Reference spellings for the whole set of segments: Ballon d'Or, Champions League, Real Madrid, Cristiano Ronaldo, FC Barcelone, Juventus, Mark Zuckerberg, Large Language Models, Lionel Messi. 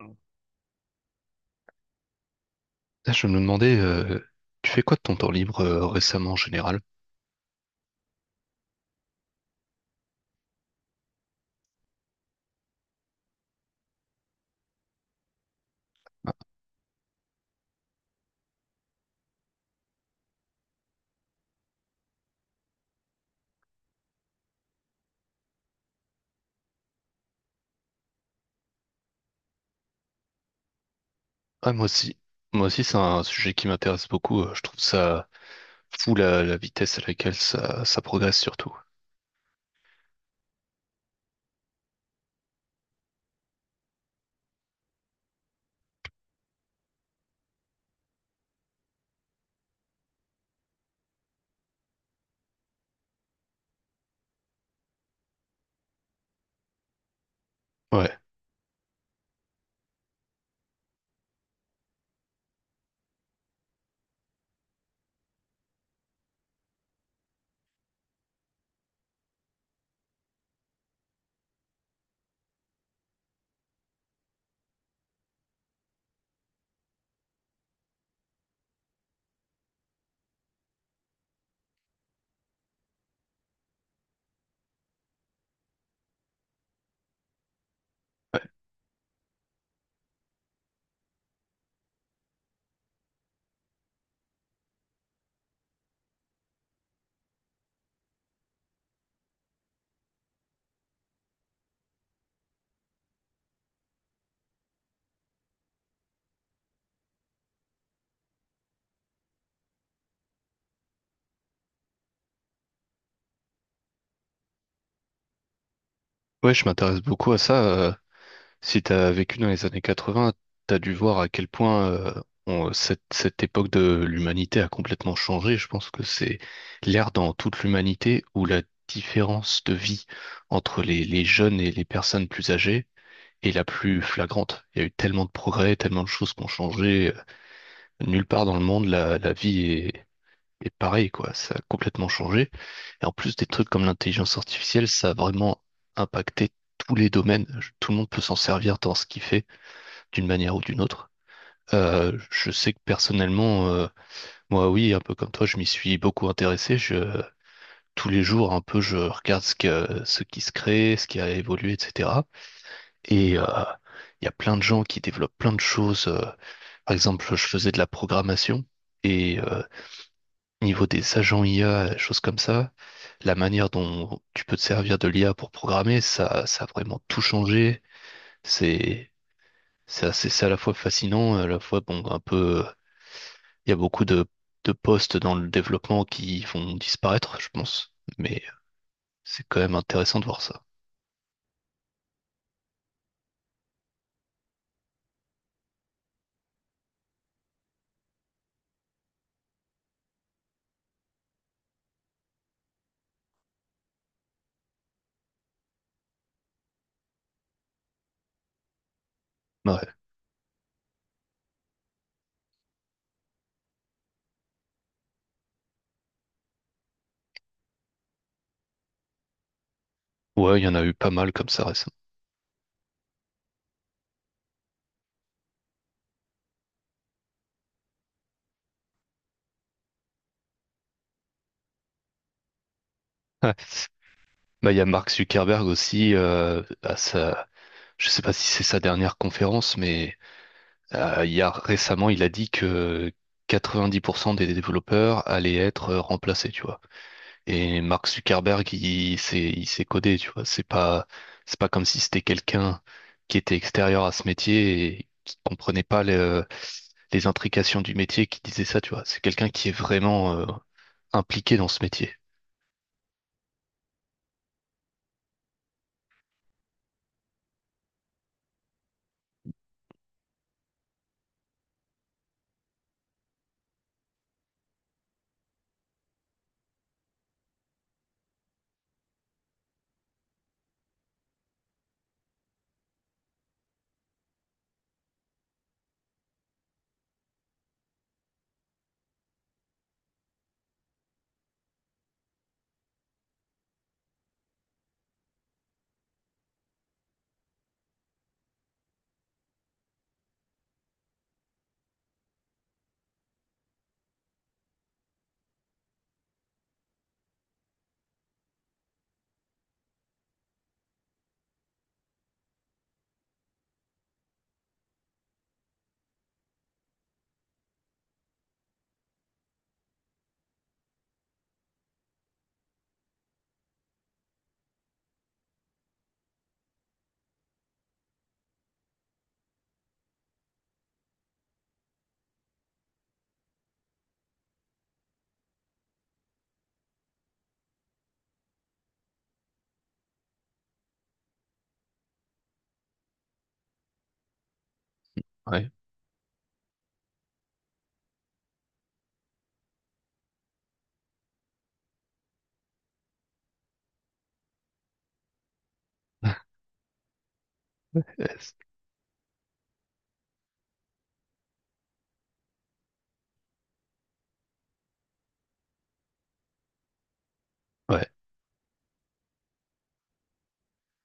Là, je me demandais, tu fais quoi de ton temps libre récemment en général? Ah, ah, moi aussi. Moi aussi, c'est un sujet qui m'intéresse beaucoup. Je trouve ça fou la vitesse à laquelle ça progresse surtout. Ouais. Ouais, ouais, je m'intéresse beaucoup à ça. Si tu as vécu dans les années 80, tu as dû voir à quel point cette, cette époque de l'humanité a complètement changé. Je pense que c'est l'ère dans toute l'humanité où la différence de vie entre les jeunes et les personnes plus âgées est la plus flagrante. Il y a eu tellement de progrès, tellement de choses qui ont changé. Nulle part dans le monde, la vie est pareille, quoi. Ça a complètement changé. Et en plus, des trucs comme l'intelligence artificielle, ça a vraiment impacté tous les domaines. Tout le monde peut s'en servir dans ce qu'il fait d'une manière ou d'une autre. Je sais que personnellement, moi oui, un peu comme toi, je m'y suis beaucoup intéressé. Je, tous les jours, un peu, je regarde ce que, ce qui se crée, ce qui a évolué, etc. Et il y a plein de gens qui développent plein de choses. Par exemple, je faisais de la programmation et niveau des agents IA, choses comme ça, la manière dont tu peux te servir de l'IA pour programmer, ça a vraiment tout changé. C'est, c'est assez, c'est à la fois fascinant, à la fois bon, un peu. Il y a beaucoup de postes dans le développement qui vont disparaître, je pense. Mais c'est quand même intéressant de voir ça. Ouais, ouais, il y en a eu pas mal comme ça récemment. Ouais. Bah, il y a Mark Zuckerberg aussi, je sais pas si c'est sa dernière conférence, mais il y a récemment, il a dit que 90% des développeurs allaient être remplacés, tu vois. Et Mark Zuckerberg, il s'est codé, tu vois. C'est pas comme si c'était quelqu'un qui était extérieur à ce métier et qui comprenait pas les intrications du métier qui disait ça, tu vois. C'est quelqu'un qui est vraiment impliqué dans ce métier. Ouais. Ouais. C'est ouais.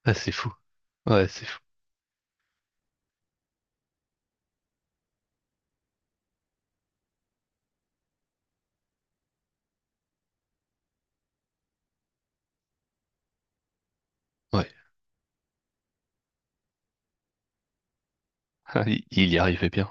Ah, c'est fou. Ouais, c'est fou. Ouais. Ah, il y arrivait bien.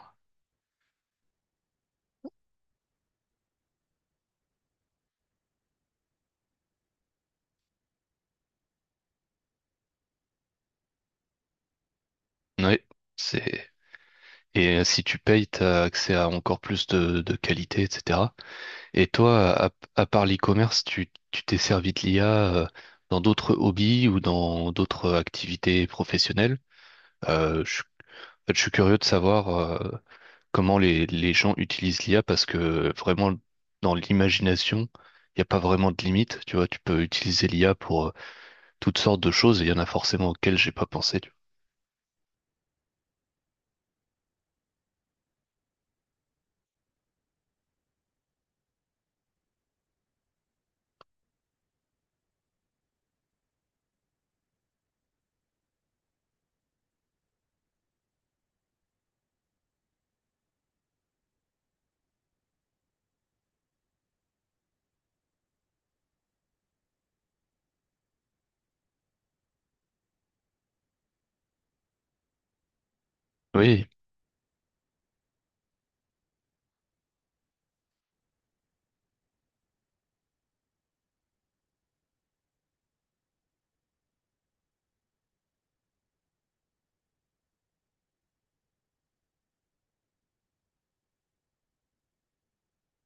Ouais. C'est, et si tu payes, t'as accès à encore plus de qualité, etc. Et toi, à part l'e-commerce, tu t'es servi de l'IA dans d'autres hobbies ou dans d'autres activités professionnelles? Euh, je, je suis curieux de savoir comment les gens utilisent l'IA parce que vraiment, dans l'imagination, il n'y a pas vraiment de limite. Tu vois, tu peux utiliser l'IA pour toutes sortes de choses et il y en a forcément auxquelles j'ai pas pensé. Tu vois. Oui,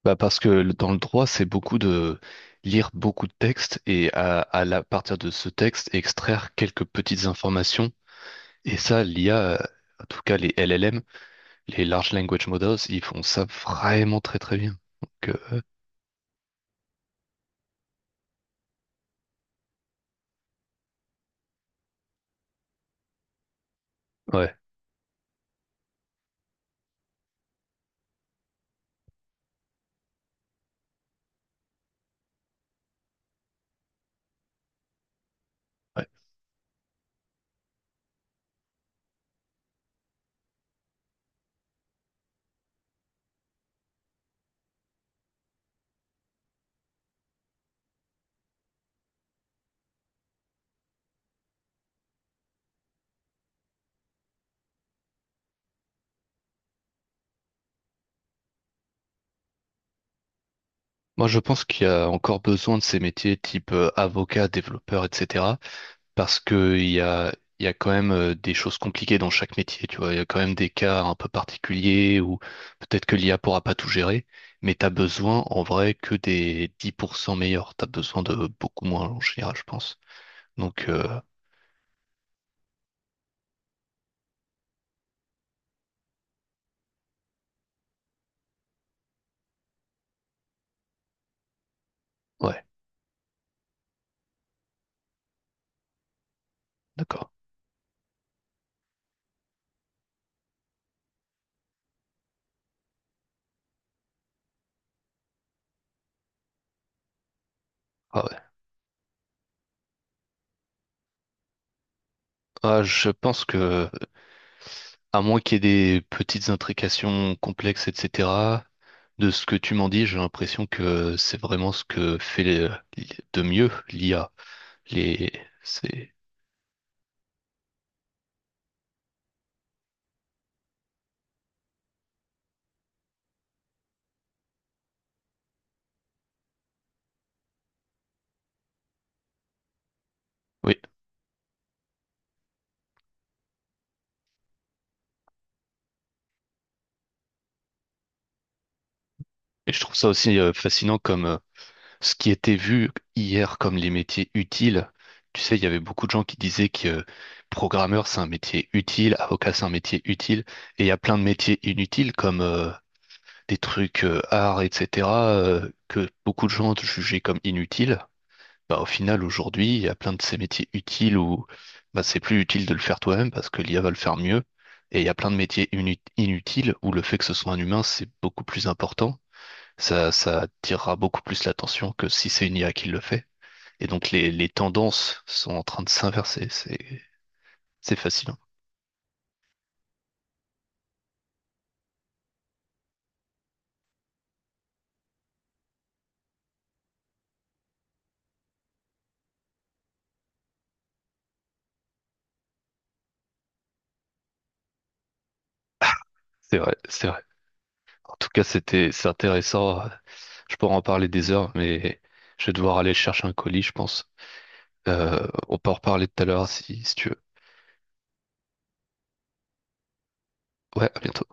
bah parce que dans le droit, c'est beaucoup de lire beaucoup de textes et à partir de ce texte, extraire quelques petites informations. Et ça, l'IA, en tout cas les LLM, les Large Language Models, ils font ça vraiment très très bien. Donc, ouais, ouais. Moi, je pense qu'il y a encore besoin de ces métiers type avocat, développeur, etc. Parce que il y a quand même des choses compliquées dans chaque métier, tu vois. Il y a quand même des cas un peu particuliers où peut-être que l'IA pourra pas tout gérer, mais t'as besoin en vrai que des 10% meilleurs. T'as besoin de beaucoup moins en général, je pense. Donc, ouais, d'accord. Ah ouais. Ah, je pense que, à moins qu'il y ait des petites intrications complexes, etc., de ce que tu m'en dis, j'ai l'impression que c'est vraiment ce que fait de mieux l'IA. Les, c'est, oui. Et je trouve ça aussi fascinant comme ce qui était vu hier comme les métiers utiles. Tu sais, il y avait beaucoup de gens qui disaient que programmeur, c'est un métier utile, avocat, c'est un métier utile. Et il y a plein de métiers inutiles comme des trucs art, etc., que beaucoup de gens jugeaient comme inutiles. Bah, au final, aujourd'hui, il y a plein de ces métiers utiles où bah, c'est plus utile de le faire toi-même parce que l'IA va le faire mieux. Et il y a plein de métiers inutiles où le fait que ce soit un humain, c'est beaucoup plus important. Ça attirera beaucoup plus l'attention que si c'est une IA qui le fait. Et donc les tendances sont en train de s'inverser. C'est fascinant. C'est vrai, c'est vrai. En tout cas, c'était, c'est intéressant. Je pourrais en parler des heures, mais je vais devoir aller chercher un colis, je pense. On peut en reparler tout à l'heure si tu veux. Ouais, à bientôt.